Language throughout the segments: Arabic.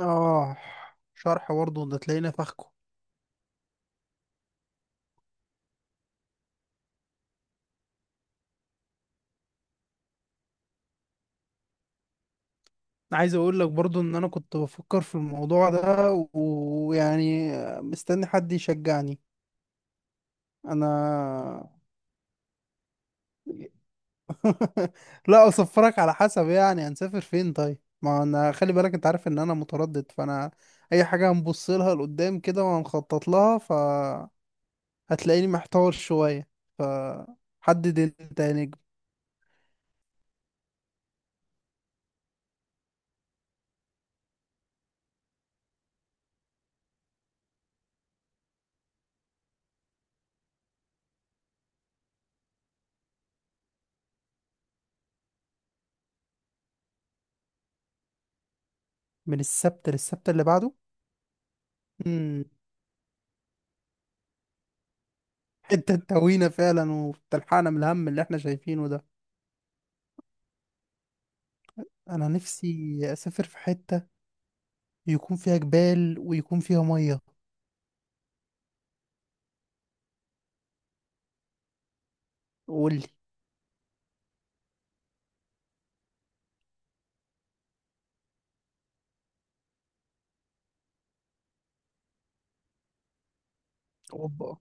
اه. شرح برضه ده تلاقينا فخكه. عايز اقول لك برضه ان انا كنت بفكر في الموضوع ده ويعني مستني حد يشجعني. انا لا اصفرك على حسب، يعني هنسافر فين؟ طيب ما انا خلي بالك، انت عارف ان انا متردد، فانا اي حاجة هنبص لها لقدام كده وهنخطط لها. فهتلاقيني محتار شوية، فحدد انت يا نجم. من السبت للسبت اللي بعده. انت تهوينا فعلا وبتلحقنا من الهم اللي احنا شايفينه ده. انا نفسي اسافر في حتة يكون فيها جبال ويكون فيها مية. قول لي. اوبا.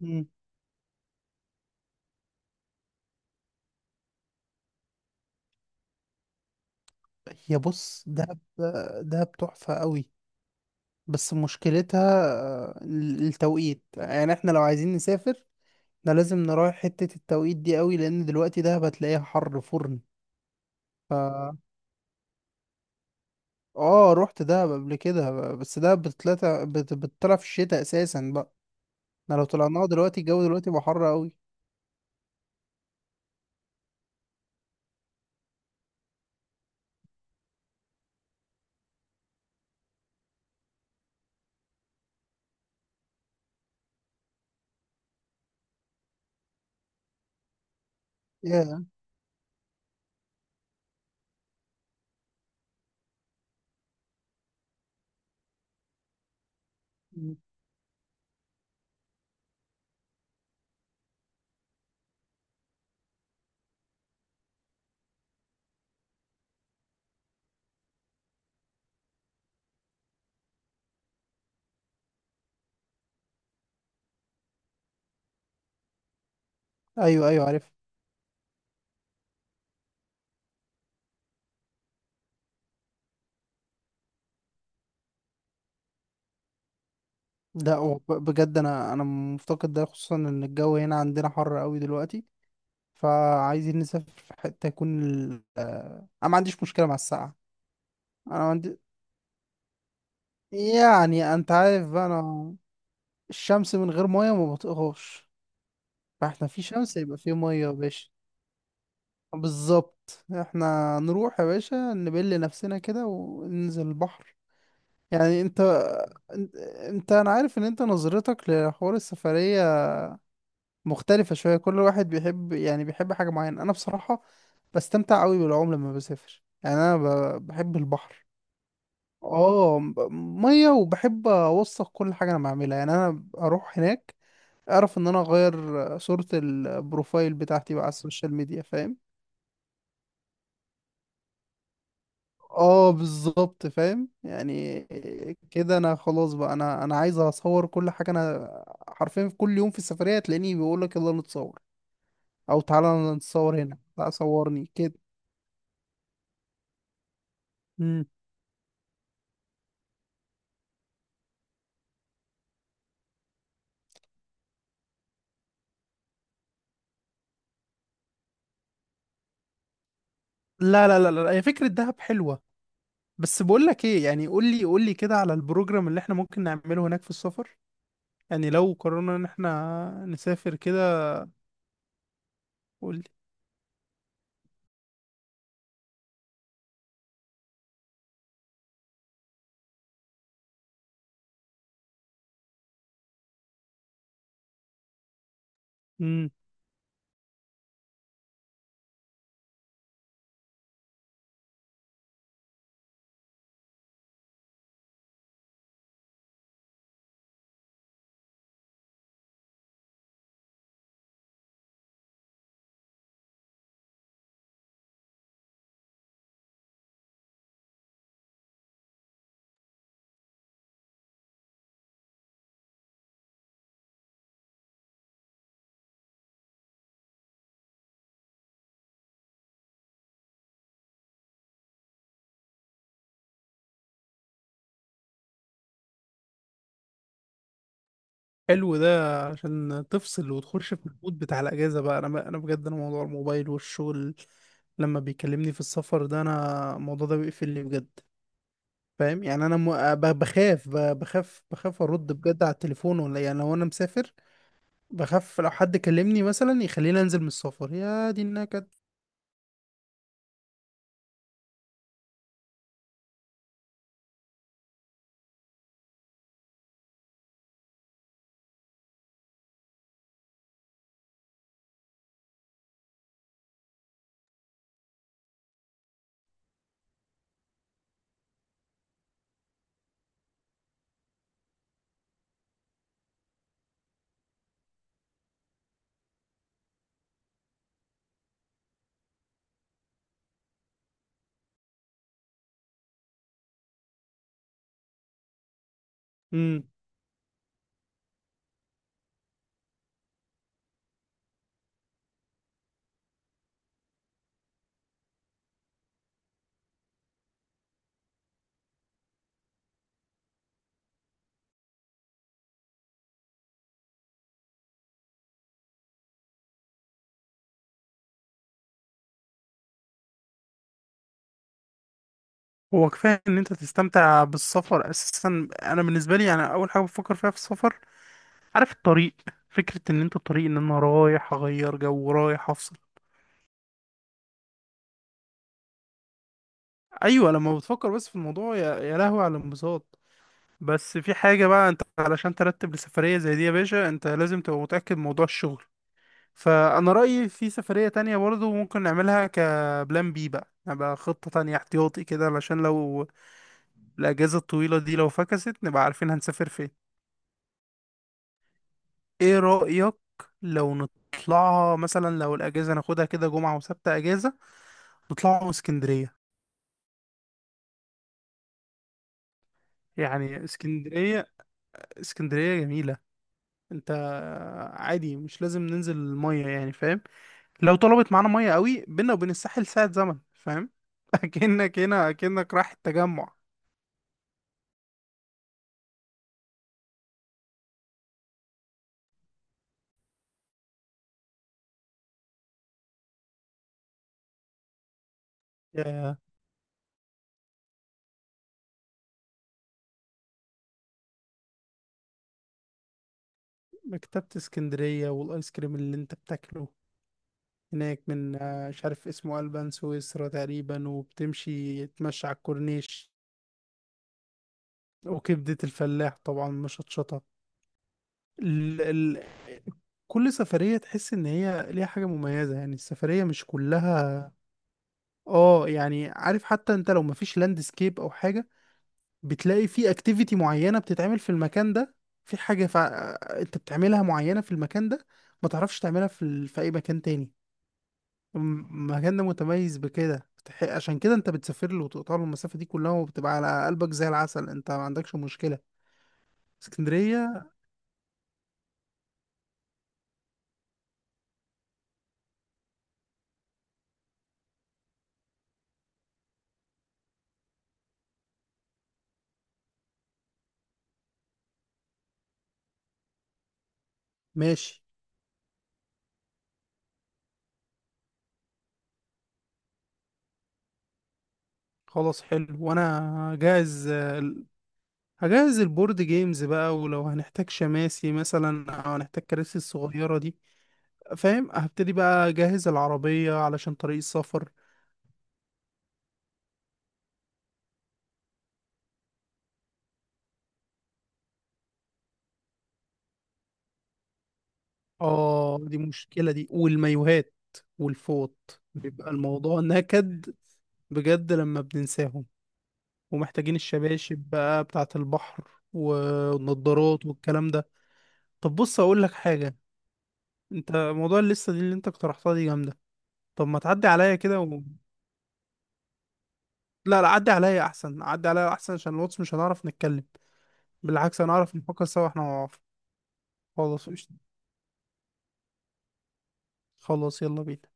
مم. هي بص دهب. دهب تحفة قوي، بس مشكلتها التوقيت. يعني احنا لو عايزين نسافر احنا لازم نراعي حتة التوقيت دي قوي، لان دلوقتي دهب هتلاقيها حر فرن. ف اه، رحت دهب قبل كده، بس دهب بتطلع بتطلع في الشتاء اساسا بقى. احنا لو طلعناها دلوقتي الجو دلوقتي بقى حر قوي. ياه. مم. ايوه، ايوه، عارف. لا، هو بجد انا مفتقد ده، خصوصا ان الجو هنا عندنا حر قوي دلوقتي. فعايزين نسافر في حته يكون انا ما عنديش مشكله مع السقعه. انا ما عندي يعني انت عارف بقى، انا الشمس من غير ميه ما بطيقهاش. فاحنا في شمس يبقى في ميه يا باشا. بالظبط، احنا نروح يا باشا نبل نفسنا كده وننزل البحر. يعني انت انا عارف ان انت نظرتك لحوار السفرية مختلفة شوية. كل واحد بيحب، يعني بيحب حاجة معينة. أنا بصراحة بستمتع أوي بالعوم لما بسافر، يعني أنا بحب البحر. اه، مية، وبحب أوثق كل حاجة أنا بعملها. يعني أنا أروح هناك أعرف إن أنا أغير صورة البروفايل بتاعتي بقى على السوشيال ميديا، فاهم. اه بالظبط، فاهم يعني. كده أنا خلاص بقى، أنا عايز أصور كل حاجة. أنا حرفيا في كل يوم في السفرية تلاقيني بيقولك يلا نتصور، أو تعالى نتصور هنا، لا صورني كده. مم. لا، لا، لا، لا، هي فكرة دهب حلوة. بس بقول لك ايه، يعني قول لي، قول لي كده على البروجرام اللي احنا ممكن نعمله هناك في السفر، يعني لو قررنا ان احنا نسافر كده. قول لي. امم حلو ده عشان تفصل وتخش في المود بتاع الاجازة بقى. انا بقى، انا بجد، انا موضوع الموبايل والشغل لما بيكلمني في السفر ده، انا الموضوع ده بيقفلني بجد. فاهم يعني انا بخاف ارد بجد على التليفون، ولا يعني لو انا مسافر بخاف لو حد كلمني مثلا يخليني انزل من السفر، يا دي النكد. امم هو كفايه ان انت تستمتع بالسفر اساسا. انا بالنسبه لي يعني اول حاجه بفكر فيها في السفر، عارف الطريق. فكره ان انت الطريق، ان انا رايح اغير جو، رايح افصل. ايوه، لما بتفكر بس في الموضوع، يا لهوي على الانبساط. بس في حاجه بقى، انت علشان ترتب لسفريه زي دي يا باشا انت لازم تبقى متاكد من موضوع الشغل. فانا رايي في سفريه تانية برضو ممكن نعملها كبلان بي بقى، نبقى خطه تانية احتياطي كده، علشان لو الاجازه الطويله دي لو فكست نبقى عارفين هنسافر فين. ايه رأيك لو نطلعها مثلا، لو الأجازة ناخدها كده جمعة وسبت أجازة نطلعوا اسكندرية؟ يعني اسكندرية. اسكندرية جميلة. انت عادي مش لازم ننزل المية، يعني فاهم، لو طلبت معانا مية قوي بينا وبين الساحل ساعة زمن، فاهم اكنك هنا، اكنك رايح التجمع. يا مكتبة اسكندرية والايس كريم اللي انت بتاكله هناك من مش عارف اسمه، ألبان سويسرا تقريبا. وبتمشي تمشي على الكورنيش. وكبدة الفلاح طبعا مشطشطة. ال... ال... كل سفرية تحس إن هي ليها حاجة مميزة، يعني السفرية مش كلها. اه يعني عارف، حتى انت لو مفيش لاندسكيب او حاجة بتلاقي في اكتيفيتي معينة بتتعمل في المكان ده. في حاجة انت بتعملها معينة في المكان ده، ما تعرفش تعملها في اي مكان تاني. المكان ده متميز بكده، عشان كده انت بتسافر له وتقطع له المسافة دي كلها وبتبقى على قلبك زي العسل، انت ما عندكش مشكلة. اسكندرية. ماشي. خلاص، حلو، وانا جاهز. هجهز البورد جيمز بقى، ولو هنحتاج شماسي مثلا او هنحتاج كراسي الصغيرة دي، فاهم. هبتدي بقى اجهز العربية علشان طريق السفر. اه دي مشكلة دي، والمايوهات والفوط بيبقى الموضوع نكد بجد لما بننساهم. ومحتاجين الشباشب بقى بتاعة البحر والنضارات والكلام ده. طب بص اقول لك حاجة. انت موضوع اللسة دي اللي انت اقترحتها دي جامدة، طب ما تعدي عليا كده. لا، لا، عدي عليا احسن، عدي عليا احسن، عشان الواتس مش هنعرف نتكلم. بالعكس هنعرف نفكر سوا احنا مع بعض. خلاص قشطة. خلاص يلا بينا.